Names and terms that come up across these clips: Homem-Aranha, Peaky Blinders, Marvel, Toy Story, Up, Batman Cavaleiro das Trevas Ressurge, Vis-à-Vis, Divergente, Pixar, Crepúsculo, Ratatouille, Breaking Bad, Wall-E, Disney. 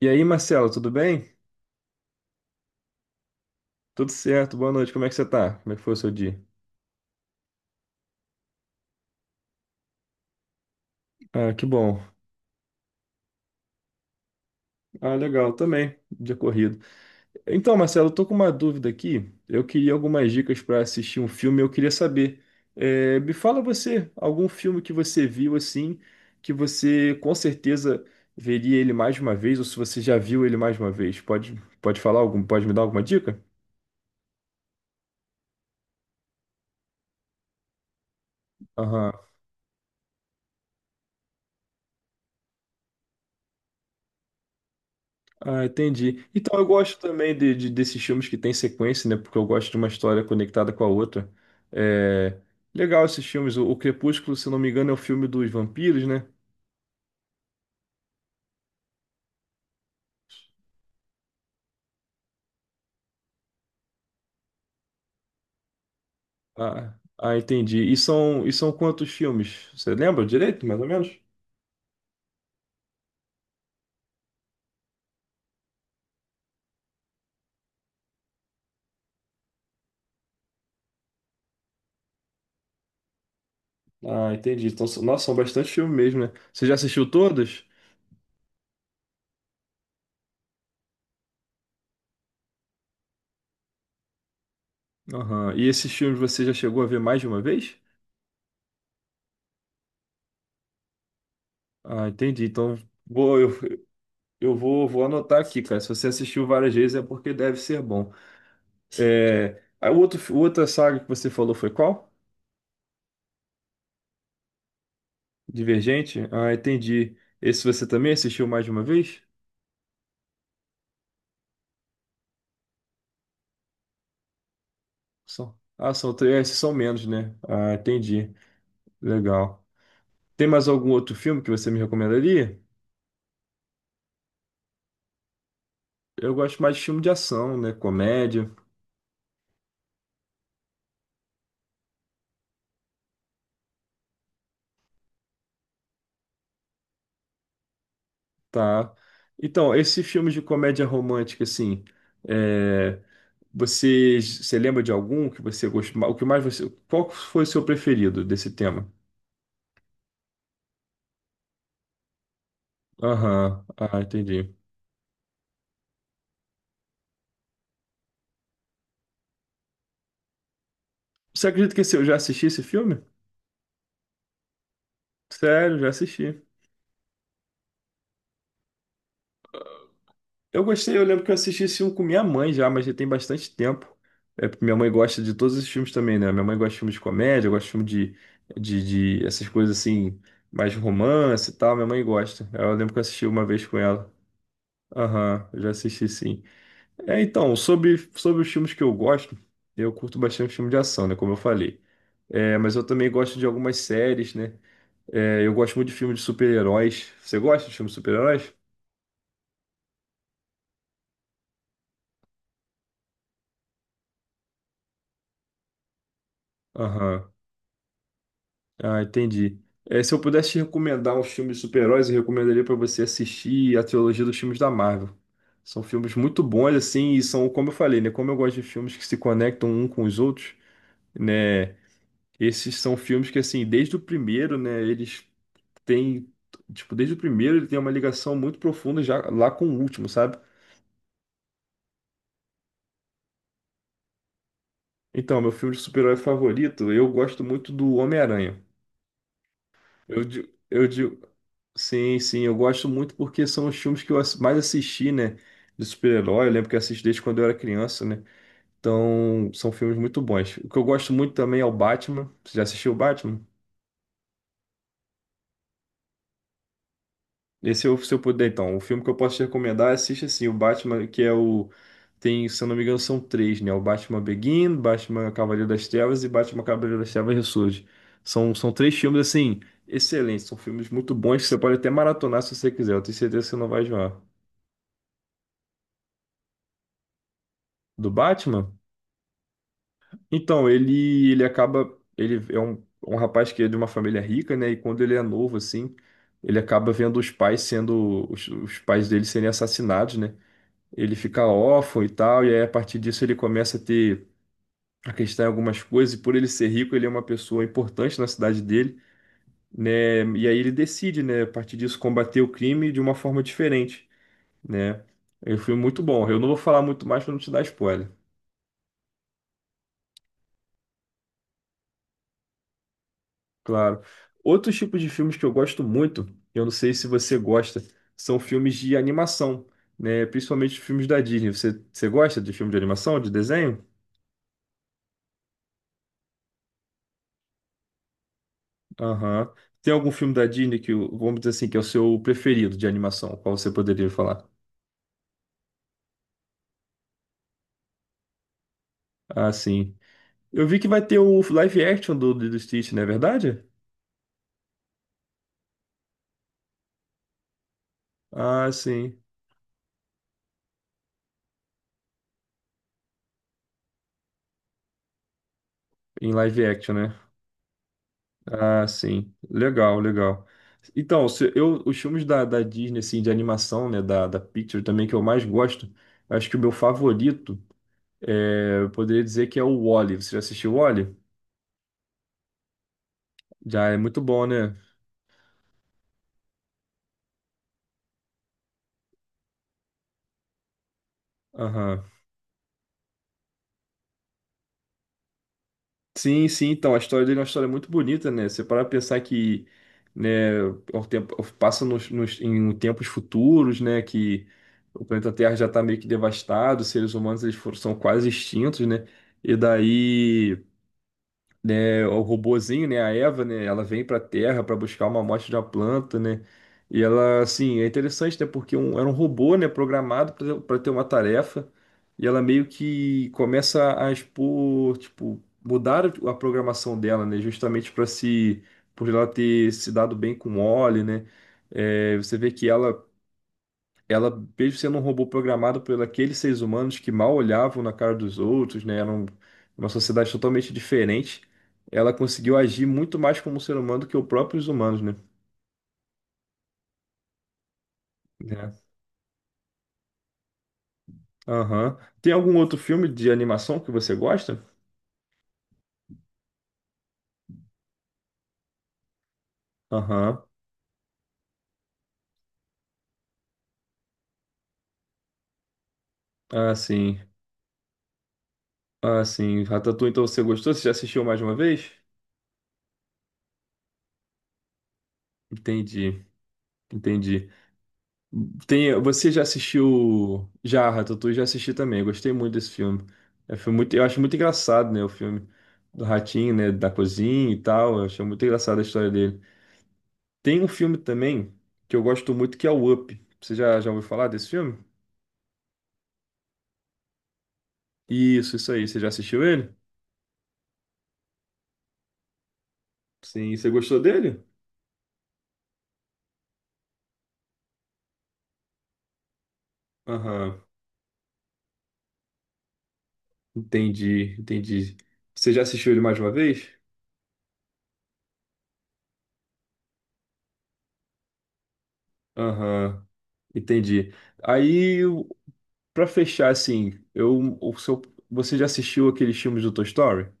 E aí, Marcelo, tudo bem? Tudo certo, boa noite, como é que você tá? Como é que foi o seu dia? Ah, que bom. Ah, legal, também, dia corrido. Então, Marcelo, eu tô com uma dúvida aqui. Eu queria algumas dicas para assistir um filme, eu queria saber. Me fala você, algum filme que você viu assim, que você com certeza veria ele mais de uma vez, ou se você já viu ele mais de uma vez. Pode falar algum, pode me dar alguma dica? Ah, entendi. Então eu gosto também desses filmes que tem sequência, né? Porque eu gosto de uma história conectada com a outra. É... Legal esses filmes. O Crepúsculo, se não me engano, é o filme dos vampiros, né? Ah, entendi. E são quantos filmes? Você lembra direito, mais ou menos? Ah, entendi. Então, são- nossa, são bastante filmes mesmo, né? Você já assistiu todos? Aham. E esses filmes você já chegou a ver mais de uma vez? Ah, entendi. Então, vou, eu, eu vou anotar aqui, cara. Se você assistiu várias vezes é porque deve ser bom. É, a outra saga que você falou foi qual? Divergente? Ah, entendi. Esse você também assistiu mais de uma vez? Só ah, são três, esses são menos, né? Ah, entendi. Legal. Tem mais algum outro filme que você me recomendaria? Eu gosto mais de filme de ação, né? Comédia, tá? Então, esse filme de comédia romântica, assim, é, você lembra de algum que você gostou? O que mais você, qual foi o seu preferido desse tema? Aham, ah, entendi. Você acredita que esse- eu já assisti esse filme? Sério, já assisti. Eu gostei, eu lembro que eu assisti esse filme com minha mãe já, mas já tem bastante tempo. É, porque minha mãe gosta de todos esses filmes também, né? Minha mãe gosta de filme de comédia, gosta de filme de essas coisas assim, mais romance e tal. Minha mãe gosta. Eu lembro que eu assisti uma vez com ela. Aham, eu já assisti sim. É, então, sobre os filmes que eu gosto, eu curto bastante filme de ação, né? Como eu falei. É, mas eu também gosto de algumas séries, né? É, eu gosto muito de filmes de super-heróis. Você gosta de filmes de super-heróis? Aham. Ah, entendi. É, se eu pudesse te recomendar um filme de super-heróis, eu recomendaria para você assistir a trilogia dos filmes da Marvel. São filmes muito bons, assim, e são, como eu falei, né? Como eu gosto de filmes que se conectam um com os outros, né? Esses são filmes que, assim, desde o primeiro, né? Eles têm, tipo, desde o primeiro ele tem uma ligação muito profunda já lá com o último, sabe? Então, meu filme de super-herói favorito, eu gosto muito do Homem-Aranha. Eu digo, eu digo, sim, sim, eu gosto muito porque são os filmes que eu ass- mais assisti, né? De super-herói, eu lembro que eu assisti desde quando eu era criança, né? Então, são filmes muito bons. O que eu gosto muito também é o Batman. Você já assistiu o Batman? Esse eu, se eu puder, então, o filme que eu posso te recomendar, assiste assim, o Batman, que é o. Tem, se eu não me engano, são três, né? O Batman Begin, Batman Cavaleiro das Trevas e Batman Cavaleiro das Trevas Ressurge. São três filmes, assim, excelentes. São filmes muito bons que você pode até maratonar se você quiser. Eu tenho certeza que você não vai enjoar. Do Batman? Então, ele acaba. Ele é um rapaz que é de uma família rica, né? E quando ele é novo, assim, ele acaba vendo os pais sendo. Os pais dele serem assassinados, né? Ele fica órfão e tal, e aí a partir disso ele começa a ter a questão em algumas coisas, e por ele ser rico, ele é uma pessoa importante na cidade dele, né? E aí ele decide, né, a partir disso, combater o crime de uma forma diferente, né? É um filme muito bom. Eu não vou falar muito mais para não te dar spoiler. Claro. Outros tipos de filmes que eu gosto muito, eu não sei se você gosta, são filmes de animação, né? Principalmente filmes da Disney. Você gosta de filme de animação, de desenho? Aham. Tem algum filme da Disney que, o- vamos dizer assim, que é o seu preferido de animação? Qual você poderia falar? Ah, sim. Eu vi que vai ter o live action do Stitch, não é verdade? Ah, sim. Em live action, né? Ah, sim. Legal, legal. Então, se eu, os filmes da Disney, assim, de animação, né, da Pixar também, que eu mais gosto, acho que o meu favorito, é, eu poderia dizer que é o Wall-E. Você já assistiu o Wall-E? Já é muito bom, né? Aham. Sim, sim, então, a história dele é uma história muito bonita, né? Você para pra pensar que, né, o tempo, passa em tempos futuros, né, que o planeta Terra já está meio que devastado, os seres humanos, eles foram, são quase extintos, né? E daí... né, o robozinho, né, a Eva, né, ela vem para a Terra para buscar uma amostra de uma planta, né? E ela, assim, é interessante, né, porque um, era um robô, né, programado para ter uma tarefa, e ela meio que começa a expor, tipo, mudar a programação dela, né, justamente para se por ela ter se dado bem com o Oli, né? É, você vê que ela, mesmo sendo um robô programado por aqueles seres humanos que mal olhavam na cara dos outros, né, eram uma sociedade totalmente diferente, ela conseguiu agir muito mais como um ser humano do que os próprios humanos, né? É. Aham. Tem algum outro filme de animação que você gosta? Aham. Ah, sim. Ah, sim. Ratatouille, então você gostou? Você já assistiu mais de uma vez? Entendi. Entendi. Tem, você já assistiu já, Ratatouille já assisti também. Gostei muito desse filme. É um filme muito, eu acho muito engraçado, né, o filme do ratinho, né, da cozinha e tal. Eu achei muito engraçada a história dele. Tem um filme também que eu gosto muito que é o Up. Você já ouviu falar desse filme? Isso aí. Você já assistiu ele? Sim, você gostou dele? Aham. Entendi, entendi. Você já assistiu ele mais de uma vez? Aham, entendi. Aí pra fechar, assim, eu, o seu, você já assistiu aqueles filmes do Toy Story?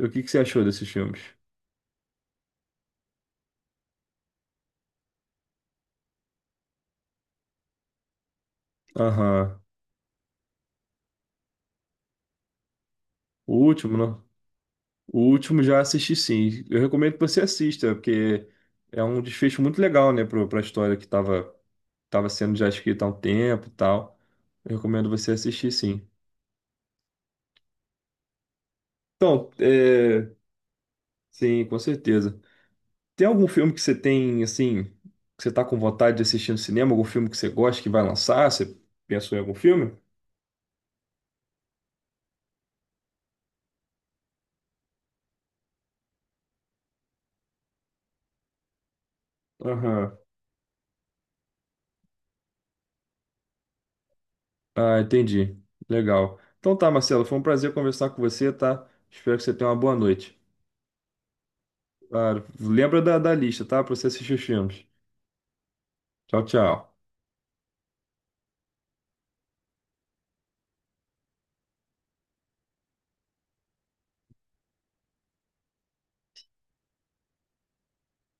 O que que você achou desses filmes? Aham. O último, não? O último já assisti sim. Eu recomendo que você assista, porque é um desfecho muito legal, né, pro- pra história que tava, tava sendo já escrita há um tempo e tal. Eu recomendo você assistir sim. Então, é, sim, com certeza. Tem algum filme que você tem, assim, que você tá com vontade de assistir no cinema? Algum filme que você gosta que vai lançar? Você pensou em algum filme? Aham. Ah, entendi. Legal. Então tá, Marcelo, foi um prazer conversar com você, tá? Espero que você tenha uma boa noite. Claro. Lembra da lista, tá? Pra você assistir os filmes. Tchau, tchau.